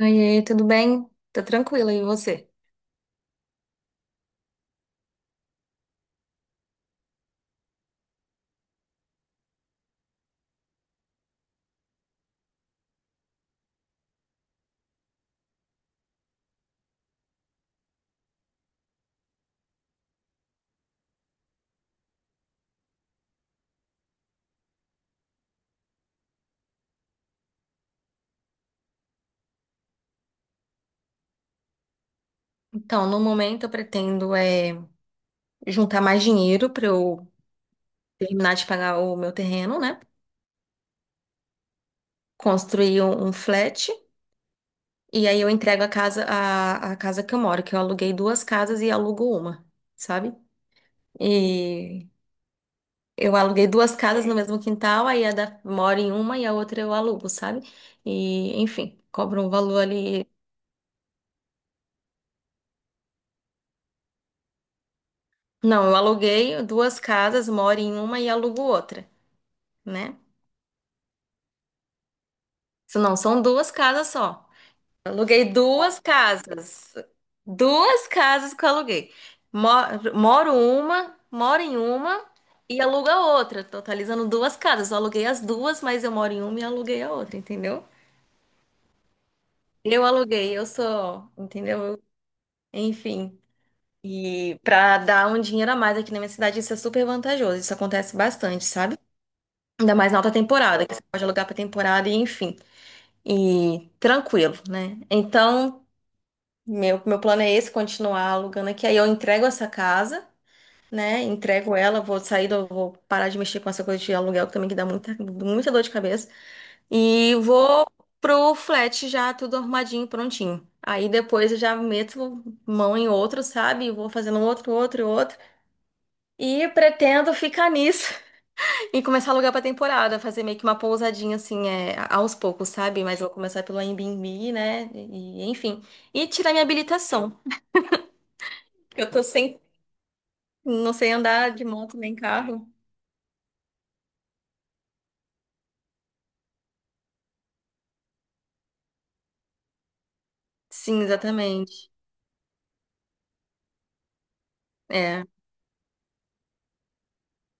Oiê, tudo bem? Tá tranquila, e você? Então, no momento eu pretendo juntar mais dinheiro para eu terminar de pagar o meu terreno, né? Construir um flat e aí eu entrego a casa a casa que eu moro, que eu aluguei duas casas e alugo uma, sabe? E eu aluguei duas casas no mesmo quintal, aí a da moro em uma e a outra eu alugo, sabe? E enfim, cobro um valor ali. Não, eu aluguei duas casas, moro em uma e alugo outra, né? Isso não, são duas casas só. Aluguei duas casas. Duas casas que eu aluguei. Moro em uma e alugo a outra, totalizando duas casas. Eu aluguei as duas, mas eu moro em uma e aluguei a outra, entendeu? Eu aluguei, eu sou, entendeu? Eu- Enfim. E pra dar um dinheiro a mais aqui na minha cidade, isso é super vantajoso. Isso acontece bastante, sabe? Ainda mais na alta temporada, que você pode alugar pra temporada e enfim. E tranquilo, né? Então. Meu plano é esse, continuar alugando aqui. Aí eu entrego essa casa, né? Entrego ela, vou sair, do- vou parar de mexer com essa coisa de aluguel que também que dá muita dor de cabeça. E vou pro flat já, tudo arrumadinho, prontinho. Aí depois eu já meto mão em outro, sabe? Vou fazendo um outro. E pretendo ficar nisso e começar a alugar pra temporada, fazer meio que uma pousadinha assim, aos poucos, sabe? Mas vou começar pelo Airbnb, né? E, enfim. E tirar minha habilitação. Eu tô sem. Não sei andar de moto nem carro. Sim, exatamente. É.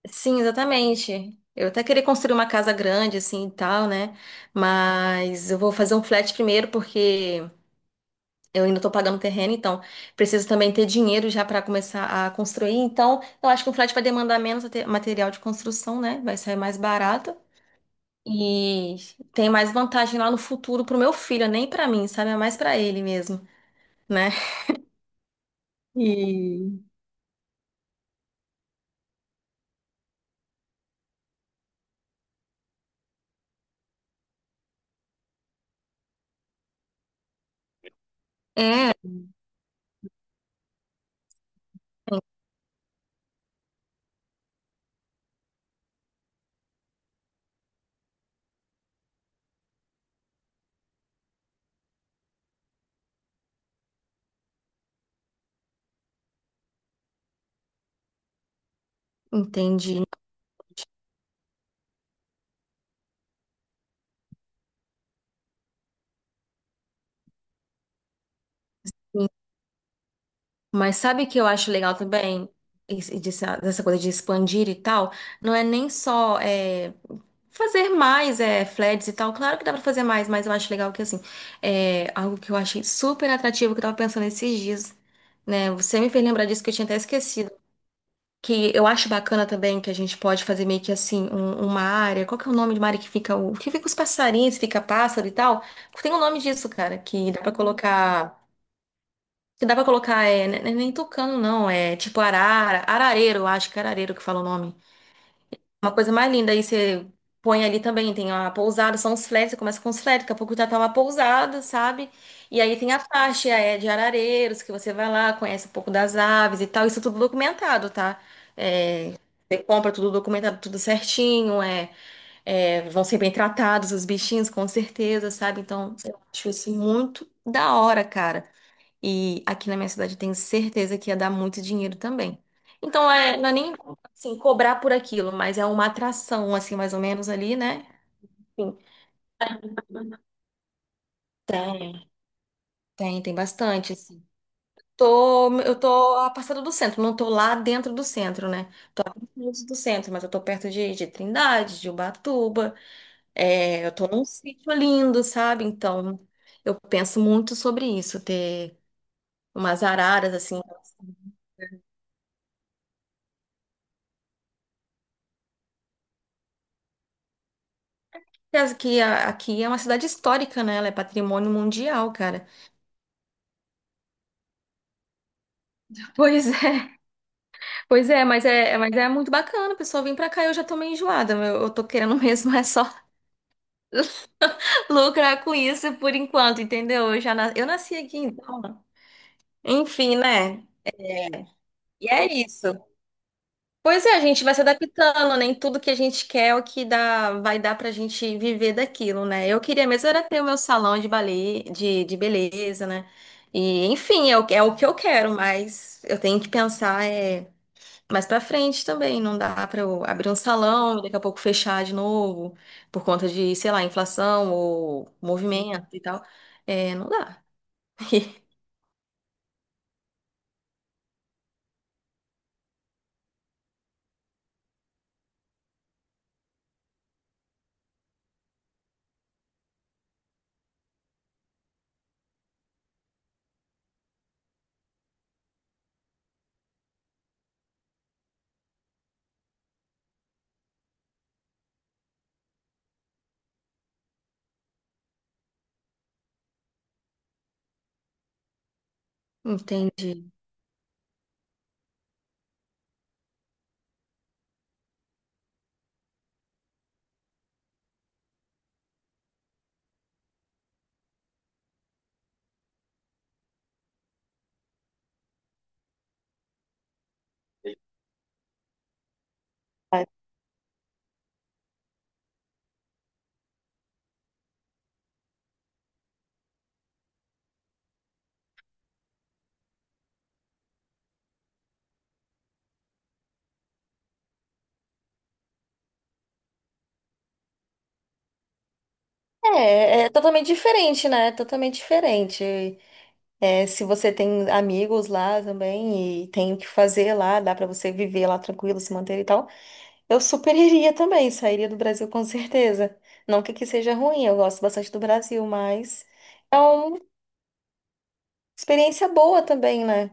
Sim, exatamente. Eu até queria construir uma casa grande, assim, e tal, né? Mas eu vou fazer um flat primeiro, porque eu ainda tô pagando terreno, então preciso também ter dinheiro já para começar a construir. Então, eu acho que um flat vai demandar menos ate- material de construção, né? Vai sair mais barato. E tem mais vantagem lá no futuro pro meu filho, nem pra mim, sabe? É mais pra ele mesmo, né? E é, entendi. Mas sabe que eu acho legal também esse- dessa coisa de expandir e tal? Não é nem só fazer mais flats e tal. Claro que dá pra fazer mais, mas eu acho legal que assim, é algo que eu achei super atrativo que eu tava pensando esses dias, né? Você me fez lembrar disso que eu tinha até esquecido. Que eu acho bacana também que a gente pode fazer meio que assim, um- uma área. Qual que é o nome de uma área que fica o que fica os passarinhos, fica pássaro e tal? Tem um nome disso, cara, que dá pra colocar. Que dá pra colocar, é, ne- nem tucano, não. É tipo arara, arareiro, eu acho que é arareiro que fala o nome. Uma coisa mais linda, aí você põe ali também, tem a pousada, são os flags, você começa com os flags, daqui a pouco já tá uma pousada, sabe? E aí tem a faixa de arareiros, que você vai lá, conhece um pouco das aves e tal, isso tudo documentado, tá? É, você compra tudo documentado, tudo certinho, vão ser bem tratados os bichinhos, com certeza, sabe? Então, eu acho isso muito da hora, cara. E aqui na minha cidade eu tenho certeza que ia dar muito dinheiro também. Então é, não é nem assim, cobrar por aquilo, mas é uma atração, assim, mais ou menos ali, né? Enfim, tem, tem bastante, assim. Tô, eu tô a passada do centro, não tô lá dentro do centro, né? Longe do centro, mas eu tô perto de Trindade, de Ubatuba. É, eu tô num sítio lindo, sabe? Então, eu penso muito sobre isso, ter umas araras, assim. Aliás, aqui, aqui é uma cidade histórica, né? Ela é patrimônio mundial, cara. Pois é, pois é, mas é, mas é muito bacana, pessoal. Vem pra cá, eu já tô meio enjoada, meu. Eu tô querendo mesmo é só lucrar com isso por enquanto, entendeu? Eu já na- eu nasci aqui, então. Enfim, né? É. E é isso. Pois é, a gente vai se adaptando, nem tudo que a gente quer é o que dá, vai dar pra gente viver daquilo, né? Eu queria mesmo era ter o meu salão de balé, de beleza, né? E, enfim, é é o que eu quero, mas eu tenho que pensar mais pra frente também. Não dá pra eu abrir um salão e daqui a pouco fechar de novo por conta de, sei lá, inflação ou movimento e tal. É, não dá. Entendi. É, é totalmente diferente, né? Totalmente diferente. É, se você tem amigos lá também e tem o que fazer lá, dá pra você viver lá tranquilo, se manter e tal, eu super iria também, sairia do Brasil com certeza. Não que aqui seja ruim, eu gosto bastante do Brasil, mas é uma experiência boa também, né?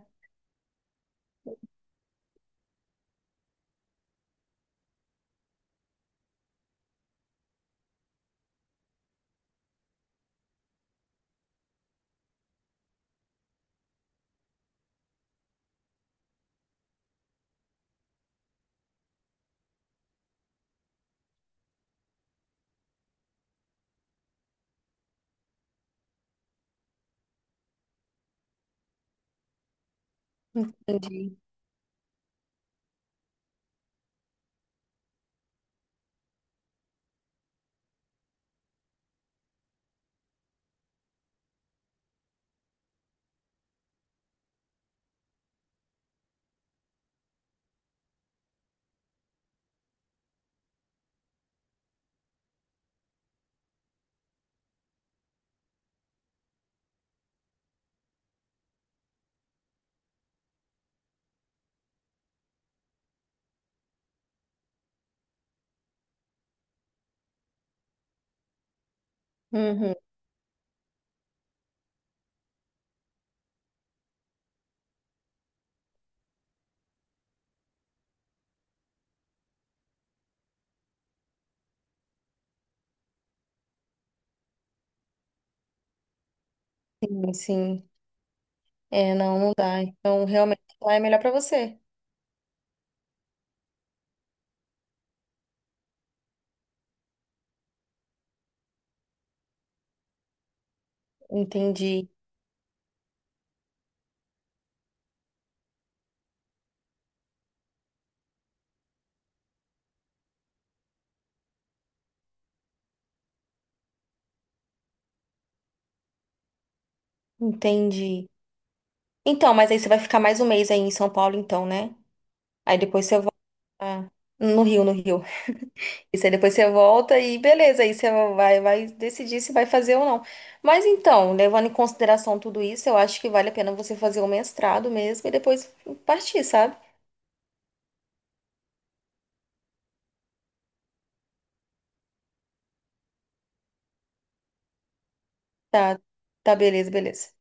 Entendi. Uhum, sim, sim. É, não, não dá. Então, realmente lá é melhor pra você. Entendi, entendi. Então, mas aí você vai ficar mais 1 mês aí em São Paulo, então, né? Aí depois você volta no Rio, no Rio. Isso, aí depois você volta e beleza, aí você vai, vai decidir se vai fazer ou não. Mas então, levando em consideração tudo isso, eu acho que vale a pena você fazer o mestrado mesmo e depois partir, sabe? Tá, tá, beleza, beleza.